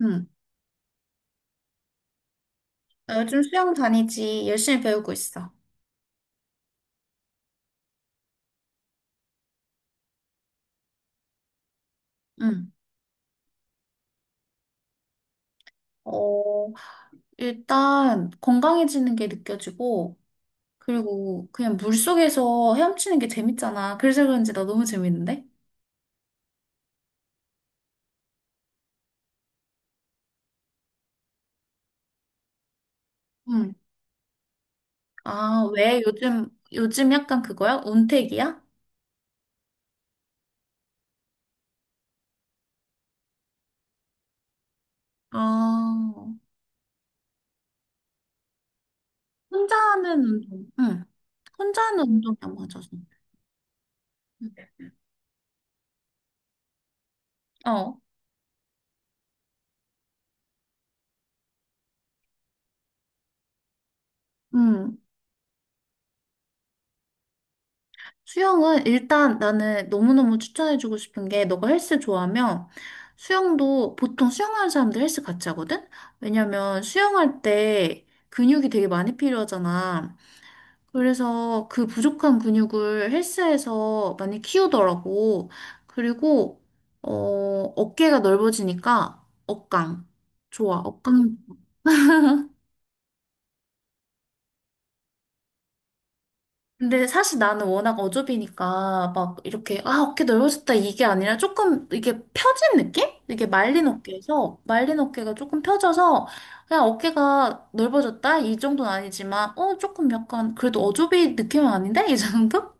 응. 나 요즘 수영 다니지. 열심히 배우고 있어. 응. 어, 일단 건강해지는 게 느껴지고, 그리고 그냥 물속에서 헤엄치는 게 재밌잖아. 그래서 그런지 나 너무 재밌는데? 응. 아, 왜 요즘 약간 그거야? 운택이야? 아, 혼자 하는 운동. 응. 혼자 하는 운동이 안 맞아서. 응. 어. 응. 수영은 일단 나는 너무너무 추천해주고 싶은 게 너가 헬스 좋아하면 수영도 보통 수영하는 사람들 헬스 같이 하거든? 왜냐면 수영할 때 근육이 되게 많이 필요하잖아. 그래서 그 부족한 근육을 헬스에서 많이 키우더라고. 그리고 어, 어깨가 넓어지니까 어깡. 좋아. 어깡. 근데 사실 나는 워낙 어좁이니까 막 이렇게 아 어깨 넓어졌다 이게 아니라 조금 이게 펴진 느낌? 이게 말린 어깨에서 말린 어깨가 조금 펴져서 그냥 어깨가 넓어졌다 이 정도는 아니지만 어 조금 약간 그래도 어좁이 느낌은 아닌데 이 정도?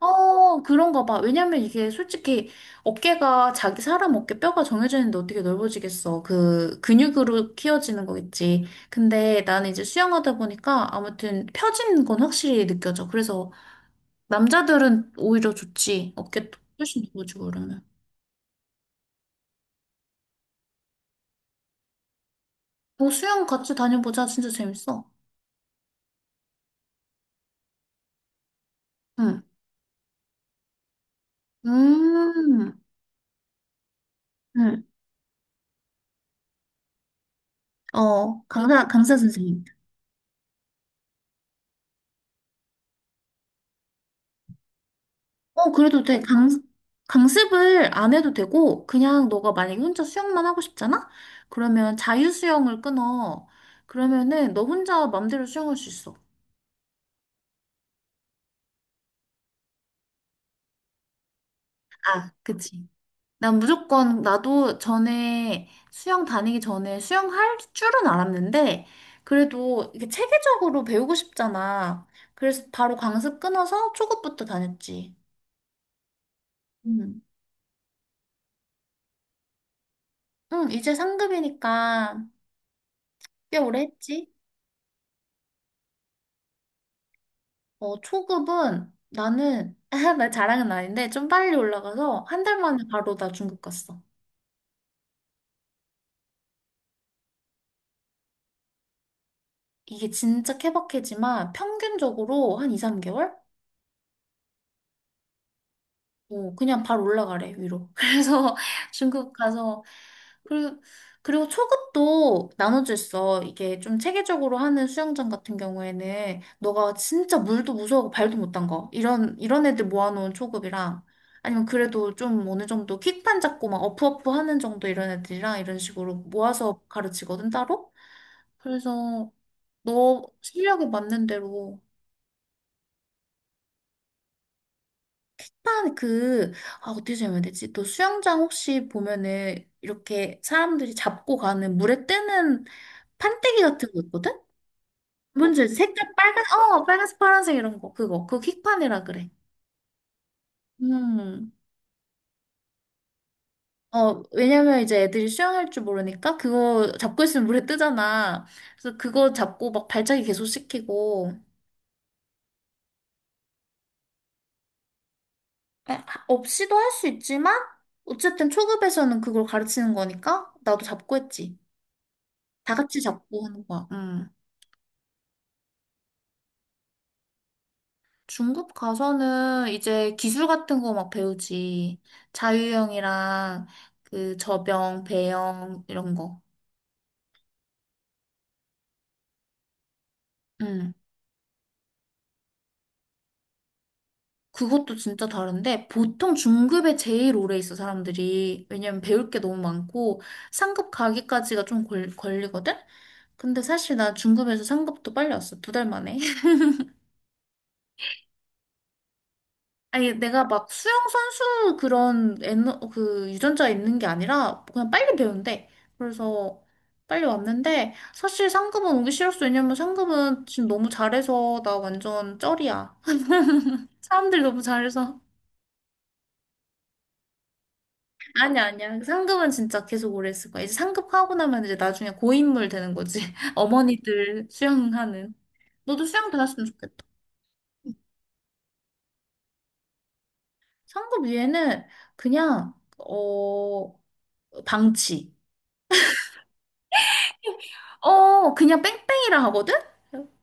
어 그런가 봐. 왜냐면 이게 솔직히 어깨가 자기 사람 어깨 뼈가 정해져 있는데 어떻게 넓어지겠어. 그 근육으로 키워지는 거겠지. 근데 나는 이제 수영하다 보니까 아무튼 펴진 건 확실히 느껴져. 그래서 남자들은 오히려 좋지. 어깨 훨씬 좋아지고 그러면. 어, 수영 같이 다녀보자. 진짜 재밌어. 응. 음, 응. 어, 강사 선생님. 어, 그래도 돼. 강습을 안 해도 되고, 그냥 너가 만약에 혼자 수영만 하고 싶잖아? 그러면 자유수영을 끊어. 그러면은 너 혼자 맘대로 수영할 수 있어. 아, 그치. 난 무조건 나도 전에 수영 다니기 전에 수영할 줄은 알았는데 그래도 이게 체계적으로 배우고 싶잖아. 그래서 바로 강습 끊어서 초급부터 다녔지. 응. 응, 이제 상급이니까 꽤 오래 했지. 초급은 나는 나 자랑은 아닌데 좀 빨리 올라가서 한 달 만에 바로 나 중급 갔어. 이게 진짜 케바케지만 평균적으로 한 2, 3개월? 어, 그냥 바로 올라가래, 위로. 그래서 중국 가서, 그리고, 그리고 초급도 나눠져 있어. 이게 좀 체계적으로 하는 수영장 같은 경우에는, 너가 진짜 물도 무서워하고 발도 못 담가. 이런 애들 모아놓은 초급이랑, 아니면 그래도 좀 어느 정도 킥판 잡고 막 어프어프 하는 정도 이런 애들이랑 이런 식으로 모아서 가르치거든, 따로. 그래서 너 실력에 맞는 대로 일단 그, 아, 어떻게 설명해야 되지? 또 수영장 혹시 보면은 이렇게 사람들이 잡고 가는 물에 뜨는 판때기 같은 거 있거든? 어, 뭔지 알지? 색깔 빨간, 빨간색, 파란색 이런 거. 그거. 그거 킥판이라 그래. 음. 왜냐면 이제 애들이 수영할 줄 모르니까 그거 잡고 있으면 물에 뜨잖아. 그래서 그거 잡고 막 발차기 계속 시키고. 에, 없이도 할 수 있지만, 어쨌든 초급에서는 그걸 가르치는 거니까 나도 잡고 했지. 다 같이 잡고 하는 거야. 음. 중급 가서는 이제 기술 같은 거 막 배우지. 자유형이랑 그 배영 이런 거. 응. 그것도 진짜 다른데 보통 중급에 제일 오래 있어 사람들이. 왜냐면 배울 게 너무 많고 상급 가기까지가 좀 걸리거든? 근데 사실 나 중급에서 상급도 빨리 왔어. 두 달 만에. 아니, 내가 막 수영 선수 그런 그 유전자 있는 게 아니라 그냥 빨리 배운대. 그래서 빨리 왔는데 사실 상급은 오기 싫었어. 왜냐면 상급은 지금 너무 잘해서 나 완전 쩔이야. 사람들 너무 잘해서. 아니야, 아니야. 상급은 진짜 계속 오래 있을 거야. 이제 상급하고 나면 이제 나중에 고인물 되는 거지. 어머니들 수영하는. 너도 수영 배웠으면 좋겠다. 상급 위에는 그냥, 어, 방치. 그냥 뺑뺑이라 하거든?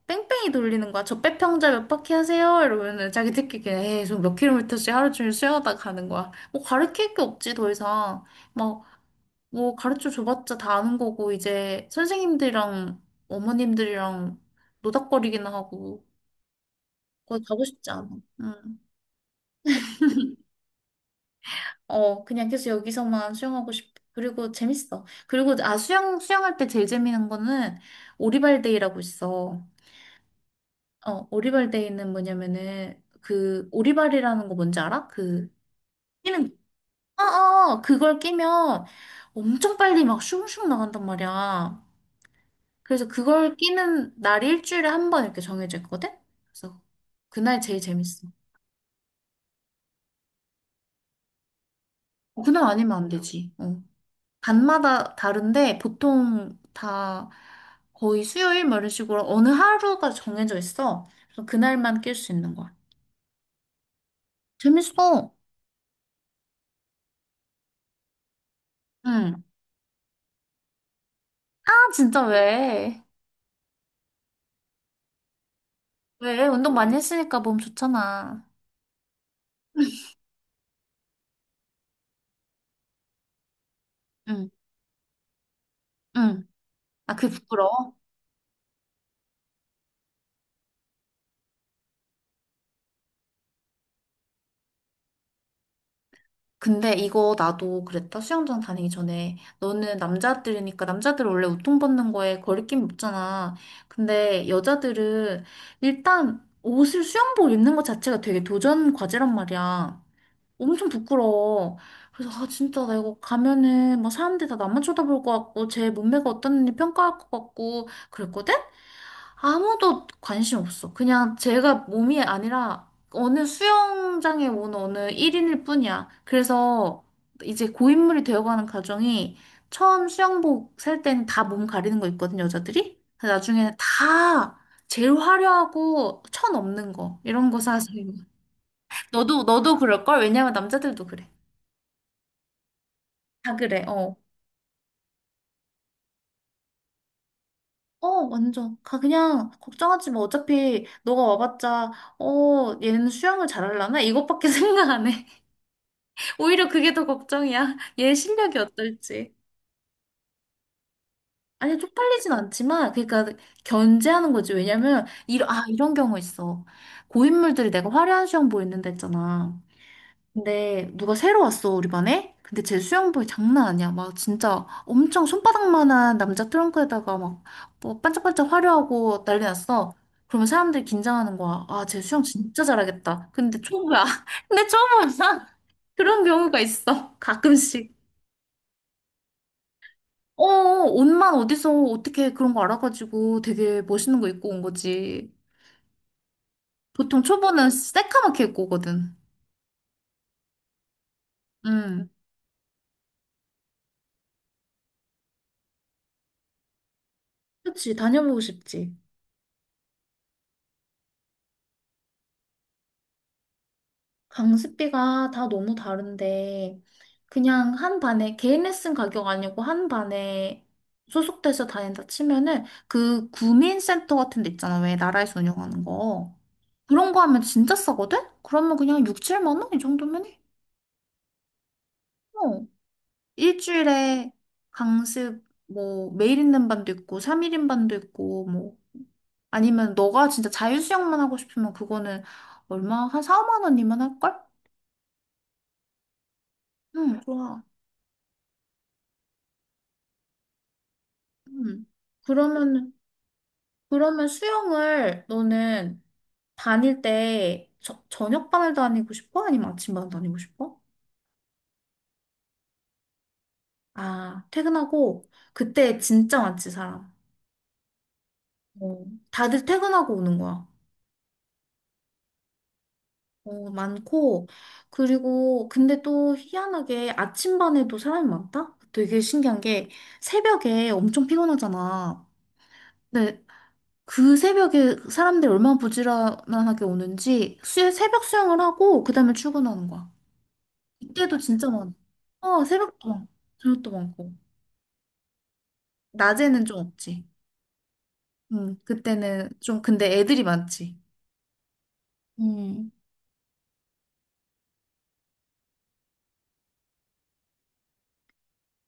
뺑뺑이 돌리는 거야. 저 빼평자 몇 바퀴 하세요? 이러면은 자기들끼리 그냥 에이, 저몇 킬로미터씩 하루 종일 수영하다 가는 거야. 뭐 가르칠 게 없지, 더 이상. 막, 뭐 가르쳐 줘봤자 다 아는 거고, 이제 선생님들이랑 어머님들이랑 노닥거리기나 하고, 거기 가고 싶지 않아. 응. 어, 그냥 계속 여기서만 수영하고 싶어. 그리고 재밌어. 그리고, 아, 수영할 때 제일 재밌는 거는 오리발데이라고 있어. 어, 오리발데이는 뭐냐면은 그 오리발이라는 거 뭔지 알아? 그 끼는 어, 어, 어. 그걸 끼면 엄청 빨리 막 슝슝 나간단 말이야. 그래서 그걸 끼는 날이 일주일에 한 번 이렇게 정해져 있거든? 그래서 그날 제일 재밌어. 어, 그날 아니면 안 되지. 어. 반마다 다른데 보통 다 거의 수요일 뭐 이런 식으로 어느 하루가 정해져 있어. 그래서 그날만 낄 수 있는 거야. 재밌어. 응. 아, 진짜 왜? 왜? 운동 많이 했으니까 몸 좋잖아. 응, 응. 아, 그게 부끄러워? 근데 이거 나도 그랬다. 수영장 다니기 전에. 너는 남자들이니까, 남자들 원래 옷통 벗는 거에 거리낌 없잖아. 근데 여자들은 일단 옷을 수영복 입는 것 자체가 되게 도전 과제란 말이야. 엄청 부끄러워. 그래서, 아, 진짜 나 이거 가면은 막 사람들이 다 나만 쳐다볼 것 같고, 제 몸매가 어떤지 평가할 것 같고, 그랬거든? 아무도 관심 없어. 그냥 제가 몸이 아니라 어느 수영장에 온 어느 1인일 뿐이야. 그래서 이제 고인물이 되어가는 가정이 처음 수영복 살 때는 다 몸 가리는 거 있거든, 여자들이. 근데 나중에는 다 제일 화려하고 천 없는 거 이런 거 사서 너도 너도 그럴걸? 왜냐면 남자들도 그래. 다 그래. 어. 어, 완전. 가, 그냥, 걱정하지 마. 어차피, 너가 와봤자, 얘는 수영을 잘하려나? 이것밖에 생각 안 해. 오히려 그게 더 걱정이야. 얘 실력이 어떨지. 아니, 쪽팔리진 않지만, 그러니까 견제하는 거지. 왜냐면, 이런, 아, 이런 경우 있어. 고인물들이 내가 화려한 수영복 입는데 했잖아. 근데 누가 새로 왔어, 우리 반에? 근데 쟤 수영복이 장난 아니야. 막 진짜 엄청 손바닥만한 남자 트렁크에다가 막 뭐 반짝반짝 화려하고 난리 났어. 그러면 사람들이 긴장하는 거야. 아, 쟤 수영 진짜 잘하겠다. 근데 초보야. 근데 초보야. 그런 경우가 있어. 가끔씩. 어, 옷만 어디서 어떻게 그런 거 알아가지고 되게 멋있는 거 입고 온 거지. 보통 초보는 새까맣게 입고 오거든. 응. 그치, 다녀보고 싶지. 강습비가 다 너무 다른데, 그냥 한 반에, 개인 레슨 가격 아니고 한 반에 소속돼서 다닌다 치면은 그 구민센터 같은 데 있잖아. 왜 나라에서 운영하는 거. 그런 거 하면 진짜 싸거든? 그러면 그냥 6, 7만 원? 이 정도면 해. 일주일에 강습 뭐 매일 있는 반도 있고 3일인 반도 있고 뭐 아니면 너가 진짜 자유수영만 하고 싶으면 그거는 얼마 한 4, 5만 원이면 할걸? 응, 좋아. 응. 그러면 그러면 수영을 너는 다닐 때 저녁반을 다니고 싶어? 아니면 아침반을 다니고 싶어? 아, 퇴근하고 그때 진짜 많지 사람. 어, 다들 퇴근하고 오는 거야. 어, 많고, 그리고, 근데 또 희한하게 아침반에도 사람이 많다? 되게 신기한 게, 새벽에 엄청 피곤하잖아. 근데 그 새벽에 사람들이 얼마나 부지런하게 오는지, 새벽 수영을 하고, 그 다음에 출근하는 거야. 이때도 진짜 많아. 어, 새벽도 많고, 저녁도 많고. 낮에는 좀 없지. 응, 그때는 좀, 근데 애들이 많지. 음.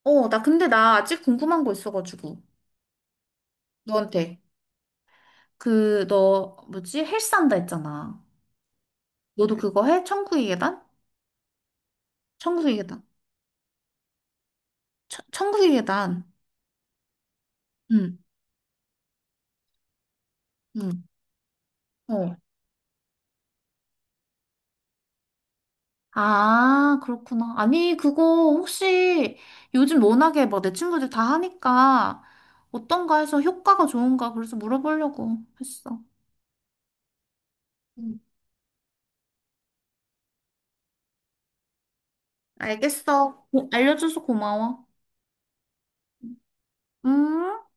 어, 나 근데 나 아직 궁금한 거 있어가지고, 너한테. 그, 너, 뭐지? 헬스한다 했잖아. 너도 그거 해? 천국의 계단? 천국의 계단. 천국의 계단. 응, 응. 어. 아, 그렇구나. 아니, 그거 혹시 요즘 워낙에 뭐 내 친구들 다 하니까 어떤가 해서 효과가 좋은가 그래서 물어보려고 했어. 응. 알겠어. 알려줘서 고마워. 음.